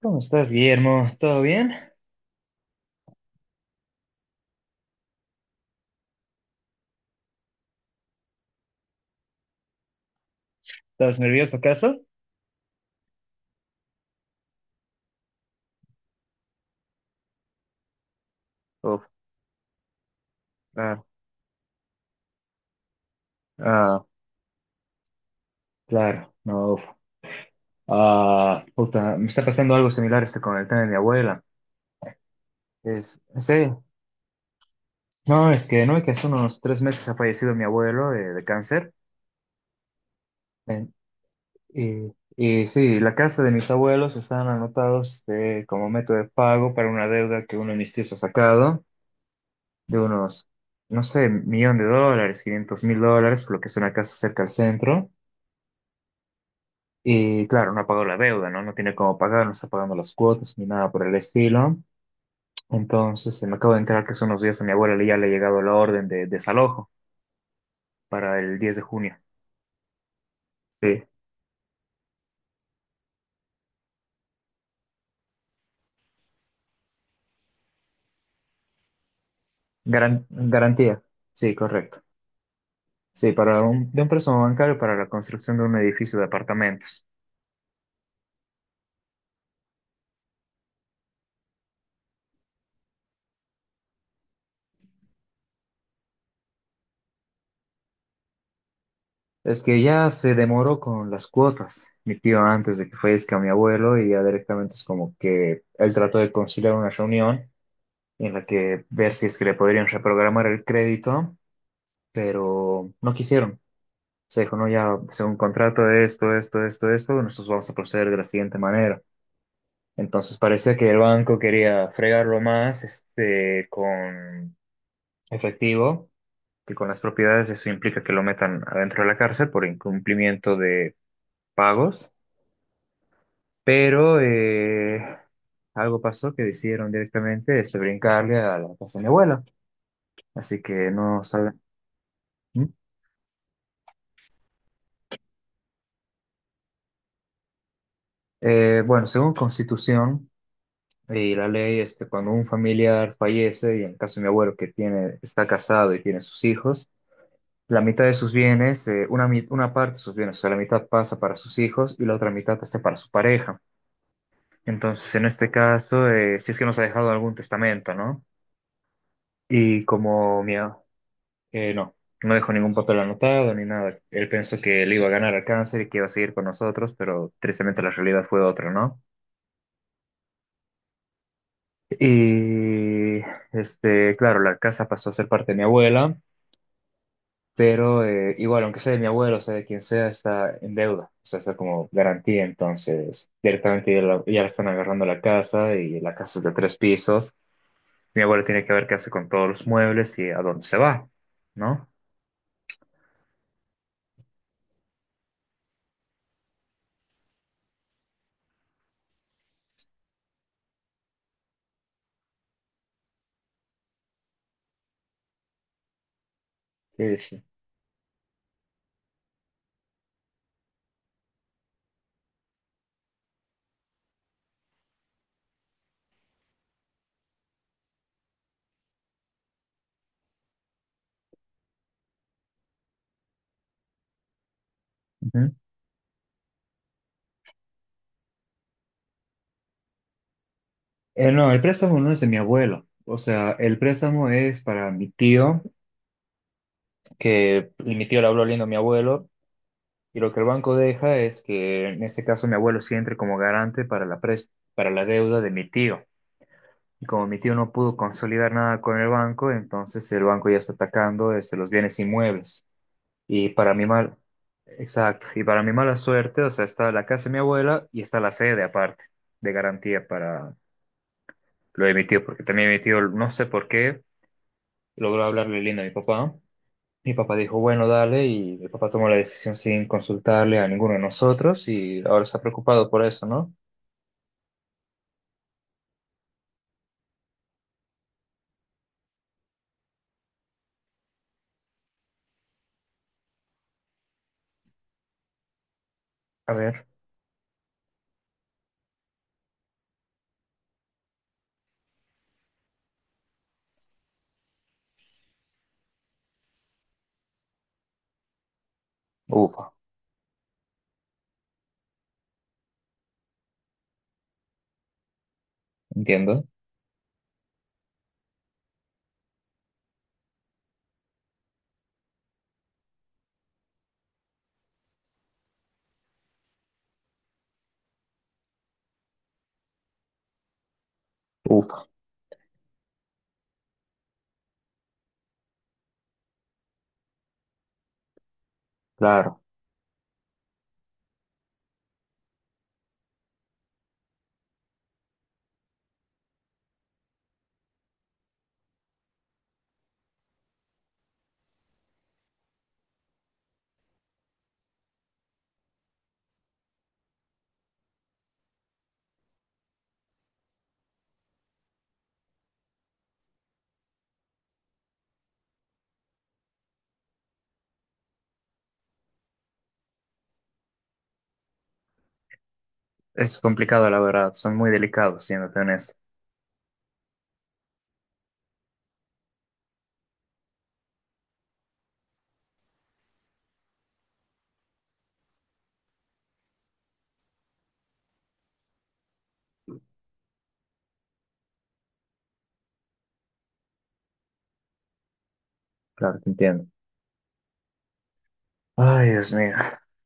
¿Cómo estás, Guillermo? ¿Todo bien? ¿Estás nervioso acaso? Uf, ah, ah, claro, no, uf. Ah, puta, me está pasando algo similar este con el tema de mi abuela. Sí, no, es que no, es que hace unos 3 meses ha fallecido mi abuelo de cáncer. En- y sí, la casa de mis abuelos están anotados como método de pago para una deuda que uno de mis tíos ha sacado de unos, no sé, 1 millón de dólares, 500.000 dólares, por lo que es una casa cerca al centro. Y claro, no ha pagado la deuda, ¿no? No tiene cómo pagar, no está pagando las cuotas ni nada por el estilo. Entonces, me acabo de enterar que hace unos días a mi abuela ya le ha llegado la orden de desalojo para el 10 de junio. Sí, garantía. Sí, correcto. Sí, de un préstamo bancario para la construcción de un edificio de apartamentos. Es que ya se demoró con las cuotas, mi tío, antes de que fallezca mi abuelo, y ya directamente es como que él trató de conciliar una reunión en la que ver si es que le podrían reprogramar el crédito pero no quisieron. Se dijo, no, ya, según contrato esto, esto, esto, esto, nosotros vamos a proceder de la siguiente manera. Entonces parecía que el banco quería fregarlo más, este, con efectivo que con las propiedades. Eso implica que lo metan adentro de la cárcel por incumplimiento de pagos. Pero algo pasó que decidieron directamente este, brincarle a la casa de mi abuela. Así que no saben. ¿Mm? Bueno, según Constitución, y la ley, este, cuando un familiar fallece, y en el caso de mi abuelo que tiene, está casado y tiene sus hijos, la mitad de sus bienes, una parte de sus bienes, o sea, la mitad pasa para sus hijos y la otra mitad pasa para su pareja. Entonces, en este caso, si es que nos ha dejado algún testamento, ¿no? Y como mi, a- no, no dejó ningún papel anotado ni nada. Él pensó que le iba a ganar al cáncer y que iba a seguir con nosotros, pero tristemente la realidad fue otra, ¿no? Y, este, claro, la casa pasó a ser parte de mi abuela. Pero igual, aunque sea de mi abuelo, o sea, de quien sea, está en deuda, o sea, está como garantía, entonces directamente ya, ya le están agarrando la casa y la casa es de 3 pisos, mi abuelo tiene que ver qué hace con todos los muebles y a dónde se va, ¿no? Sí, sí. Ujú. No, el préstamo no es de mi abuelo, o sea, el préstamo es para mi tío, que y mi tío le habló lindo a mi abuelo, y lo que el banco deja es que en este caso mi abuelo sí entre como garante para la deuda de mi tío. Y como mi tío no pudo consolidar nada con el banco, entonces el banco ya está atacando este, los bienes inmuebles. Y para mi mal, exacto, y para mi mala suerte, o sea, está la casa de mi abuela y está la sede aparte de garantía para lo de mi tío, porque también mi tío, no sé por qué, logró hablarle lindo a mi papá. Mi papá dijo, bueno, dale, y mi papá tomó la decisión sin consultarle a ninguno de nosotros y ahora está preocupado por eso, ¿no? A ver, ufa, entiendo, ufa, claro. Es complicado, la verdad. Son muy delicados, siéndote honesto. Claro, te entiendo. Ay, Dios mío.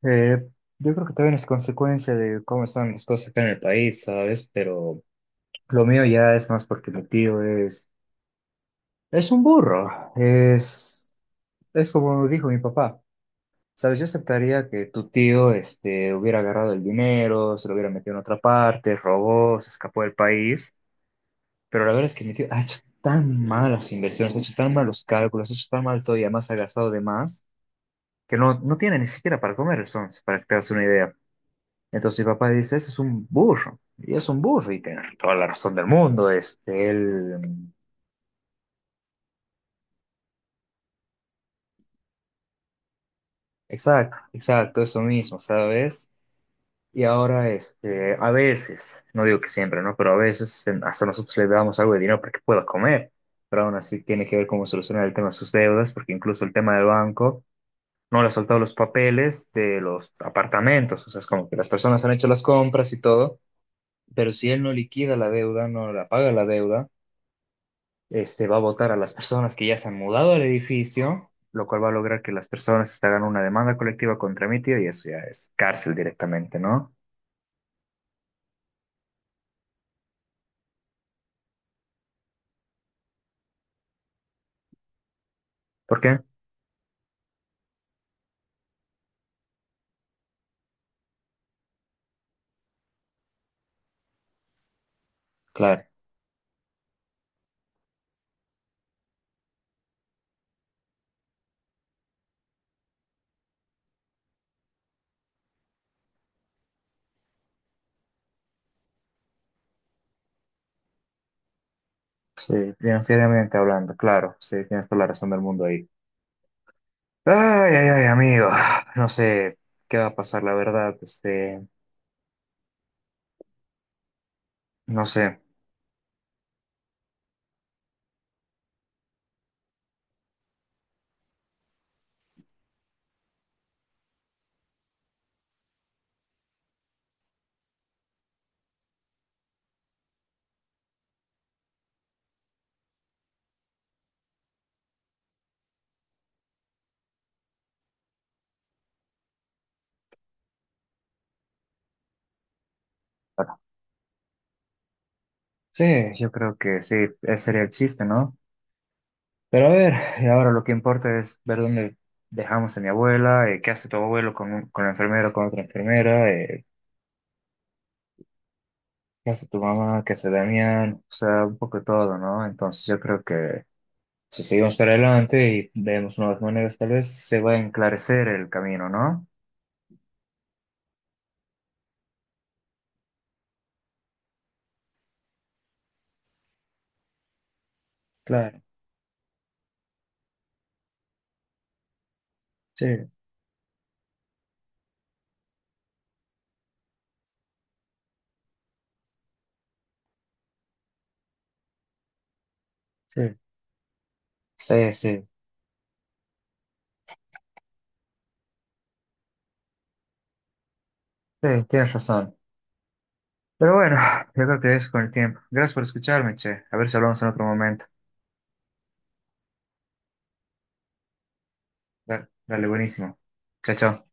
Eh, yo creo que también es consecuencia de cómo están las cosas acá en el país, ¿sabes? Pero lo mío ya es más porque Es un burro. Es como dijo mi papá. ¿Sabes? Yo aceptaría que tu tío, este, hubiera agarrado el dinero, se lo hubiera metido en otra parte, robó, se escapó del país. Pero la verdad es que mi tío ha hecho tan malas inversiones, ha hecho tan malos cálculos, ha hecho tan mal todo y además ha gastado de más que no, no tiene ni siquiera para comer el Sons, para que te hagas una idea. Entonces mi papá dice, ese es un burro, y es un burro, y tiene toda la razón del mundo, este, él, exacto, exacto, eso mismo, ¿sabes? Y ahora, este, a veces, no digo que siempre, ¿no? Pero a veces hasta nosotros le damos algo de dinero para que pueda comer, pero aún así tiene que ver cómo solucionar el tema de sus deudas, porque incluso el tema del banco no le ha soltado los papeles de los apartamentos, o sea, es como que las personas han hecho las compras y todo, pero si él no liquida la deuda, no la paga la deuda, este va a votar a las personas que ya se han mudado al edificio, lo cual va a lograr que las personas se hagan una demanda colectiva contra mi tío y eso ya es cárcel directamente, ¿no? ¿Por qué? Claro, sí, financieramente hablando, claro, sí, tienes toda la razón del mundo ahí. Ay, ay, ay, amigo, no sé qué va a pasar, la verdad, este, no sé. Bueno, sí, yo creo que sí, ese sería el chiste, ¿no? Pero a ver, y ahora lo que importa es ver dónde dejamos a mi abuela, qué hace tu abuelo con la enfermera, con otra enfermera, qué hace tu mamá, qué hace Damián, o sea, un poco de todo, ¿no? Entonces yo creo que si seguimos para adelante y vemos nuevas maneras, tal vez se va a enclarecer el camino, ¿no? Claro, sí, sí. Sí, sí, sí, tienes razón. Pero bueno, yo creo que es con el tiempo. Gracias por escucharme, che. A ver si hablamos en otro momento. Dale, dale, buenísimo. Chao, chao.